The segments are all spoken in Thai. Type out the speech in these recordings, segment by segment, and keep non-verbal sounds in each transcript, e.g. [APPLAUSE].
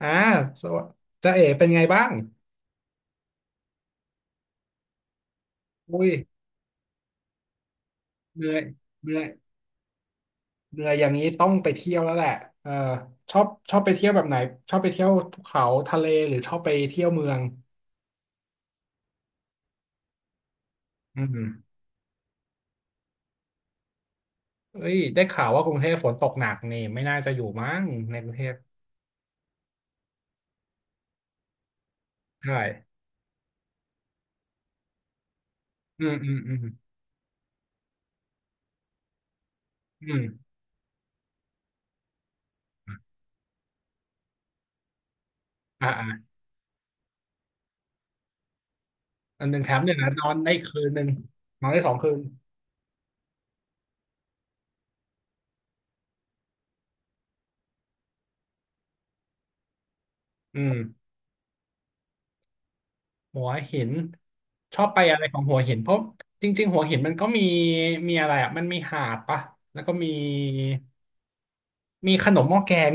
อ่าสวัสดีจ๊ะเอ๋เป็นไงบ้างอุ้ยเหนื่อยเหนื่อยเหนื่อยอย่างนี้ต้องไปเที่ยวแล้วแหละเออชอบชอบไปเที่ยวแบบไหนชอบไปเที่ยวภูเขาทะเลหรือชอบไปเที่ยวเมืองอืมเอ้ยได้ข่าวว่ากรุงเทพฝนตกหนักนี่ไม่น่าจะอยู่มั้งในกรุงเทพใช่อืมอืมอืมอืมอ่าอ่าอันหนึ่งแถมหนึ่งนะนอนได้คืนหนึ่งนอนได้สองคืนอืม หัวหินชอบไปอะไรของหัวหินเพราะจริงๆหัวหินมันก็มีมีอะไรอ่ะมันมีหาดปะแล้วก็มีมีขนมหม้อแกง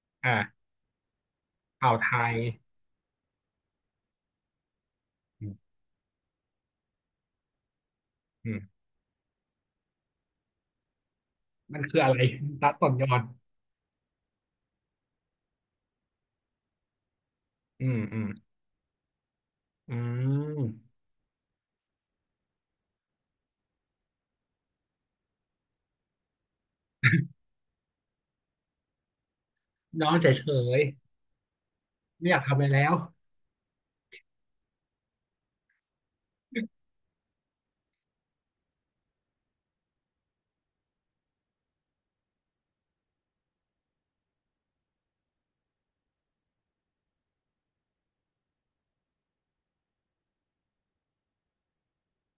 [LAUGHS] อ่าอ่าวไทยอืมอืมมันคืออะไรละต่อนยอนอืมอืมอืมน้องเฉยๆไม่อยากทำอะไรแล้ว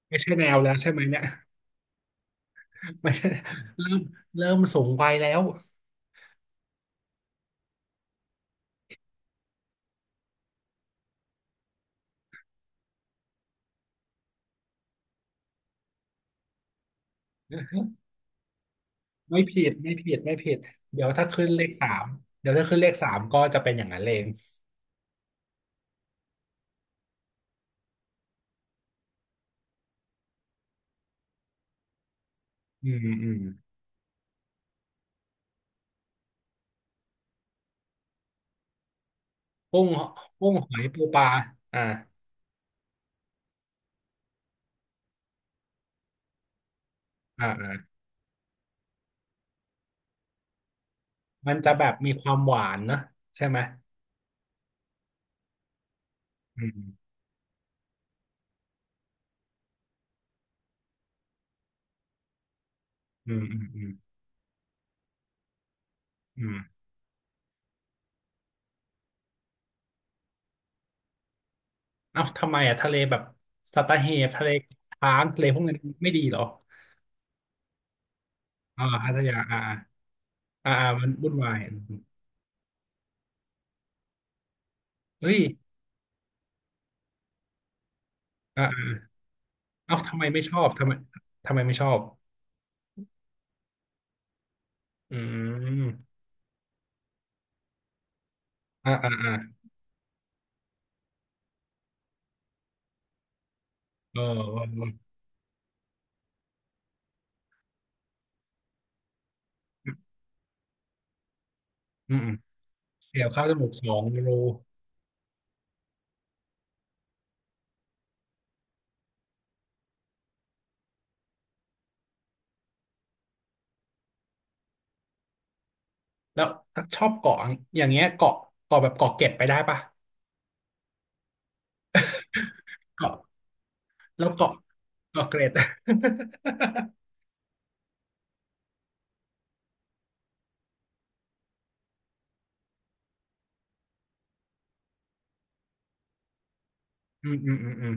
ไม่ใช่แนวแล้วใช่ไหมเนี่ยไม่ใช่เริ่มเริ่มสูงวัยแล้ว [LAUGHS] ไม่ผิดไม่ผิดไม่ผิดเดี๋ยวถ้าขึ้นเลขสามเดี๋ยวถ้าขึ้นเลขสามก็จะเป็นอย่างนั้นเองอืมอืม กุ้งกุ้งหอยปูปลาอ่าอ่าอ่ามันจะแบบมีความหวานเนอะใช่ไหมอืมอืมอืมอืมอืมเอ้าทำไมอ่ะทะเลแบบสัตหีบทะเลช้างทะเลพวกนั้นไม่ดีเหรออ่าพัทยาอ่าอ่าอ่าอ่ามันวุ่นวายอืมเฮ้ยอ่าอ่าเอ้าทำไมไม่ชอบทำไมทำไมไม่ชอบอืมอ่าอ่าอ่าเออเออเอออืมอืมเดี๋ยวเข้าวจมูกสองรูแล้วชอบเกาะอย่างเงี้ยเกาะเกาะแบบเกาะเกร็ดไปได้ปะเกาะ แล้วเกาะเกาะเกร็ด [LAUGHS] อืมอืมอืมอืม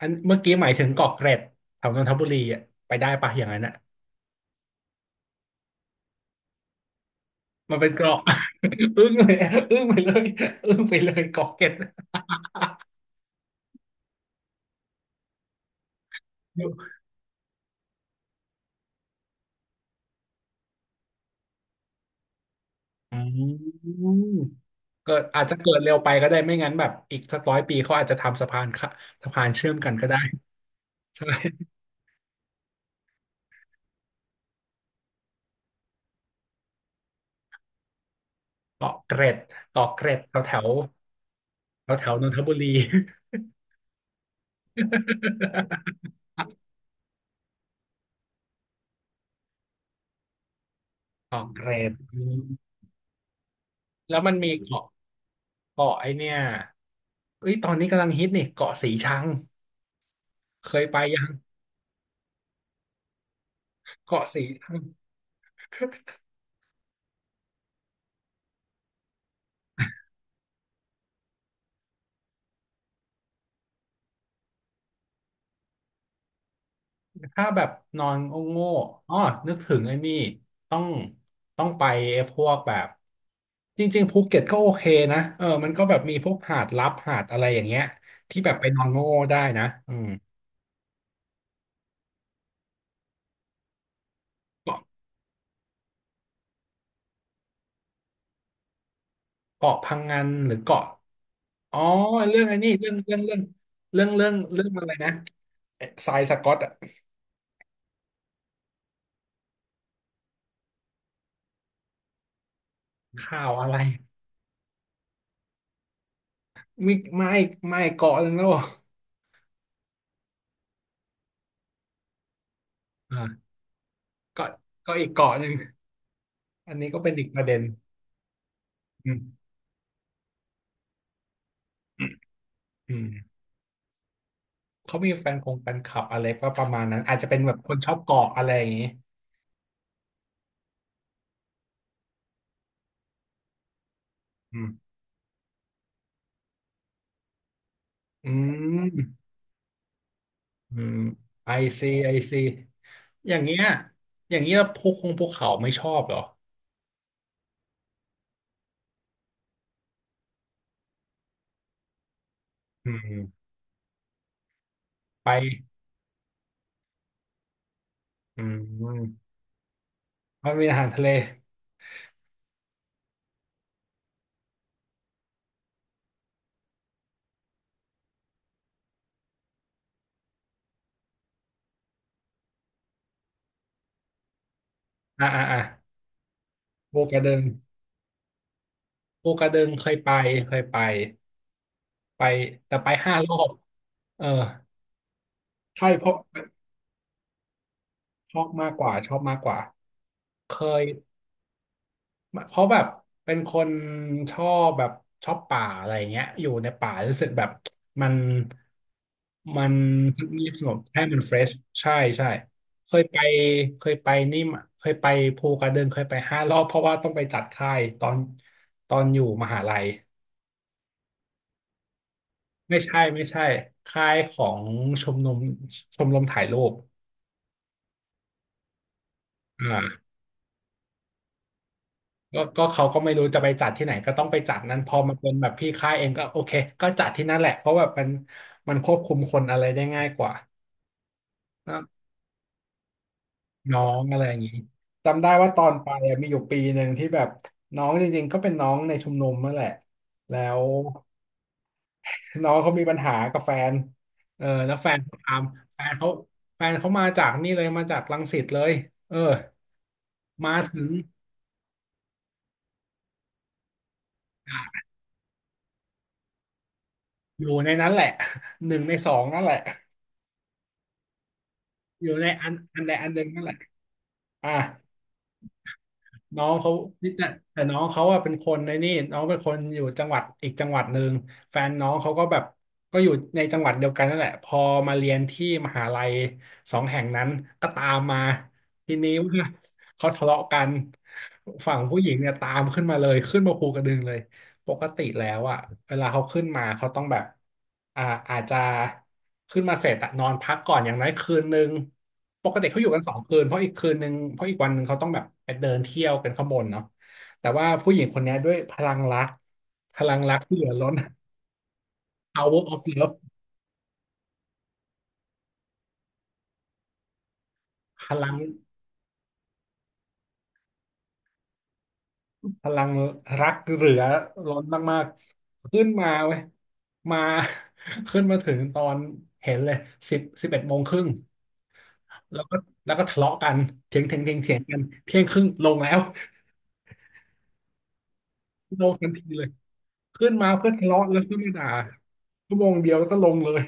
อันเมื่อกี้หมายถึงเกาะเกร็ดแถวนนทบุรีอ่ะไปได้ปะอย่างนั้นอ่ะมันเป็นเกาะ [LAUGHS] อึ้งเลยอะอึ้งไปเลยอึ้งไปเลยเกาะเกร็ดอืมเกิดอาจจะเกิดเร็วไปก็ได้ไม่งั้นแบบอีกสัก100 ปีเขาอาจจะทำสะพานค่ะสะพานเชื่อมกันก็ได้ใช่เกาะเกร็ดเกาะเกร็ดแถวแถวแถวแถวนนทบุรี [LAUGHS] เกาะเกร็ดอืมแล้วมันมีเกาะเกาะไอเนี่ย เอ้ยตอนนี้กำลังฮิตนี่เกาะสีชังเคยไปยังเกาะสีชัง [LAUGHS] ถ้าแบบนอนโง่ๆอ๋อนึกถึงไอ้นี่ต้องต้องไป้พวกแบบจริงๆภูเก็ตก็โอเคนะเออมันก็แบบมีพวกหาดลับหาดอะไรอย่างเงี้ยที่แบบไปนอนโง่ได้นะอืมเกาะเกาะพังงันหรือเกาะอ๋อเรื่องไอ้นี่เรื่องเรื่องอะไรนะเอ๊ะทรายสก๊อตอะข่าวอะไรไม่ไม่เกาะหนึ่งแล้วเหรออ่าเกาะเกาะอีกเกาะหนึ่ง อันนี้ก็เป็นอีกประเด็นอืมอืมอืมเขามีแฟนคงแฟนคลับอะไรก็ประมาณนั้นอาจจะเป็นแบบคนชอบเกาะอะไรอย่างนี้อืมอืมอืมไอซีไอซีอย่างเงี้ยอย่างเงี้ยพวกคงพวกเขาไม่ชอบเหรออืมไปอืมมันมีอาหารทะเลอ่าอ่าอ่าภูกระดึงภูกระดึงเคยไปเคยไปไปแต่ไปห้ารอบเออใช่เพราะชอบมากกว่าชอบมากกว่าเคย เขาแบบเป็นคนชอบแบบชอบป่าอะไรเงี้ยอยู่ในป่ารู้สึกแบบมันมันเงียบสงบให้มันเฟรชใช่ใช่เคยไปเคยไปนี่มเคยไปภูกระดึงเคยไปห้ารอบเพราะว่าต้องไปจัดค่ายตอนตอนอยู่มหาลัยไม่ใช่ไม่ใช่ค่ายของชมรมชมรมถ่ายรูปอ่า ก็ก็เขาก็ไม่รู้จะไปจัดที่ไหนก็ต้องไปจัดนั้นพอมันเป็นแบบพี่ค่ายเองก็โอเคก็จัดที่นั่นแหละเพราะแบบมันมันควบคุมคนอะไรได้ง่ายกว่าน้องอะไรอย่างนี้จำได้ว่าตอนไปอะมีอยู่ปีหนึ่งที่แบบน้องจริงๆก็เป็นน้องในชุมนุมนั่นแหละแล้วน้องเขามีปัญหากับแฟนเออแล้วแฟนเขาตามแฟนเขาแฟนเขามาจากนี่เลยมาจากรังสิตเลยเออมาถึงอยู่ในนั้นแหละ [LAUGHS] หนึ่งในสองนั่นแหละอยู่ในอันอันใดอันหนึ่งนั่นแหละอ่ะ น้องเขาแต่แต่น้องเขาอะเป็นคนในนี่น้องเป็นคนอยู่จังหวัดอีกจังหวัดหนึ่ง แฟนน้องเขาก็แบบก็อยู่ในจังหวัดเดียวกันนั่นแหละพอมาเรียนที่มหาลัยสองแห่งนั้นก็ตามมาทีนี้ว่าเขาทะเลาะกันฝั่งผู้หญิงเนี่ยตามขึ้นมาเลยขึ้นมาภูกระดึงเลย ปกติแล้วอ่ะเวลาเขาขึ้นมาเขาต้องแบบอ่าอาจจะขึ้นมาเสร็จอะนอนพักก่อนอย่างน้อยคืนนึงปกติเขาอยู่กัน2 คืนเพราะอีกคืนนึงเพราะอีกวันนึงเขาต้องแบบไปเดินเที่ยวกันข้างบนเนาะแต่ว่าผู้หญิงคนเนี้ยด้วยพลังรักพลังรักที่เหลือล้น power of love พลังพลังรักเหลือล้นมากๆขึ้นมาเว้ยมา [LAUGHS] ขึ้นมาถึงตอนเห็นเลยสิบเอ็ดโมงครึ่ง แล้วก็แล้วก็ทะเลาะกันเถียงเถียงเถียงเถียงกัน12:30 น.ลงแล้ว [LAUGHS] ลงทันทีเลยขึ้นมาเพื่อทะเลาะแล้วขึ้นมาด่าชั่วโมงเดียวแล้วก็ลงเลย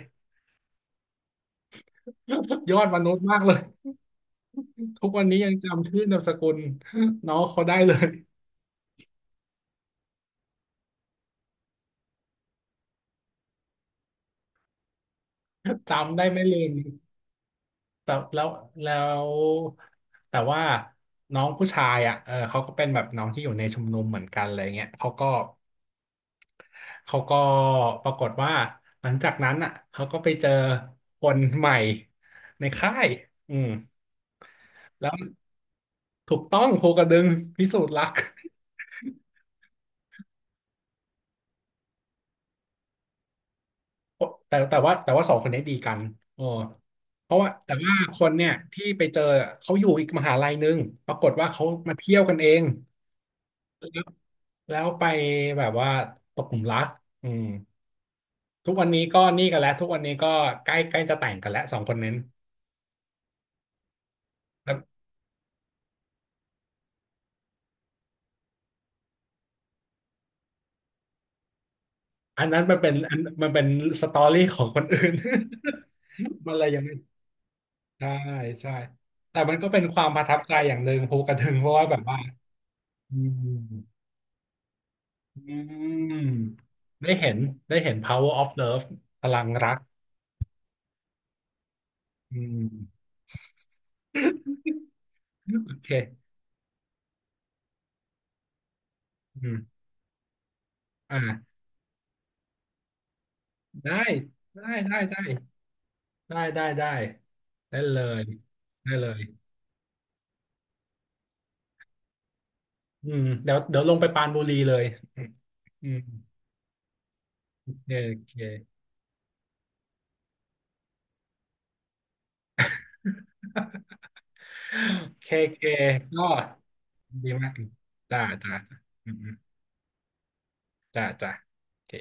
[LAUGHS] ยอดมนุษย์มากเลยทุกวันนี้ยังจำชื่อนามสกุลน้องเขาได้เลยจำได้ไม่ลืมแต่แล้วแล้วแต่ว่าน้องผู้ชายอ่ะเออเขาก็เป็นแบบน้องที่อยู่ในชุมนุมเหมือนกันอะไรเงี้ยเขาก็ปรากฏว่าหลังจากนั้นอ่ะเขาก็ไปเจอคนใหม่ในค่ายอืมแล้วถูกต้องภูกระดึงพิสูจน์รัก [LAUGHS] แต่ว่าสองคนนี้ดีกันโอ้เพราะว่าแต่ว่าคนเนี่ยที่ไปเจอเขาอยู่อีกมหาลัยหนึงปรากฏว่าเขามาเที่ยวกันเองแล้วไปแบบว่าตกหลุมรักอืมทุกวันนี้ก็นี่กันแล้วทุกวันนี้ก็ใกล้ใกล้จะแต่งกันแล้วสองคนนั้นแล้ว อันนั้นมันเป็นสตอรี่ของคนอื่น [LAUGHS] มันเลยยังไม่ใช่ใช่แต่มันก็เป็นความประทับใจอย่างหนึ่งภูกระดึงเพราะว่าแบบว่าอืมอืมได้เห็นได้เห็น power of love พลังรักอืมโอเคอืมอ่าได้ได้ได้ได้ได้ได้ได้ได้เลยได้เลยอืมเดี๋ยวเดี๋ยวลงไปปรานบุรีเลยอืมโอเคโอเค เคเคก็ดีมากจ้าจ้าจ้าอืมอืมจ้าจ้าโอเค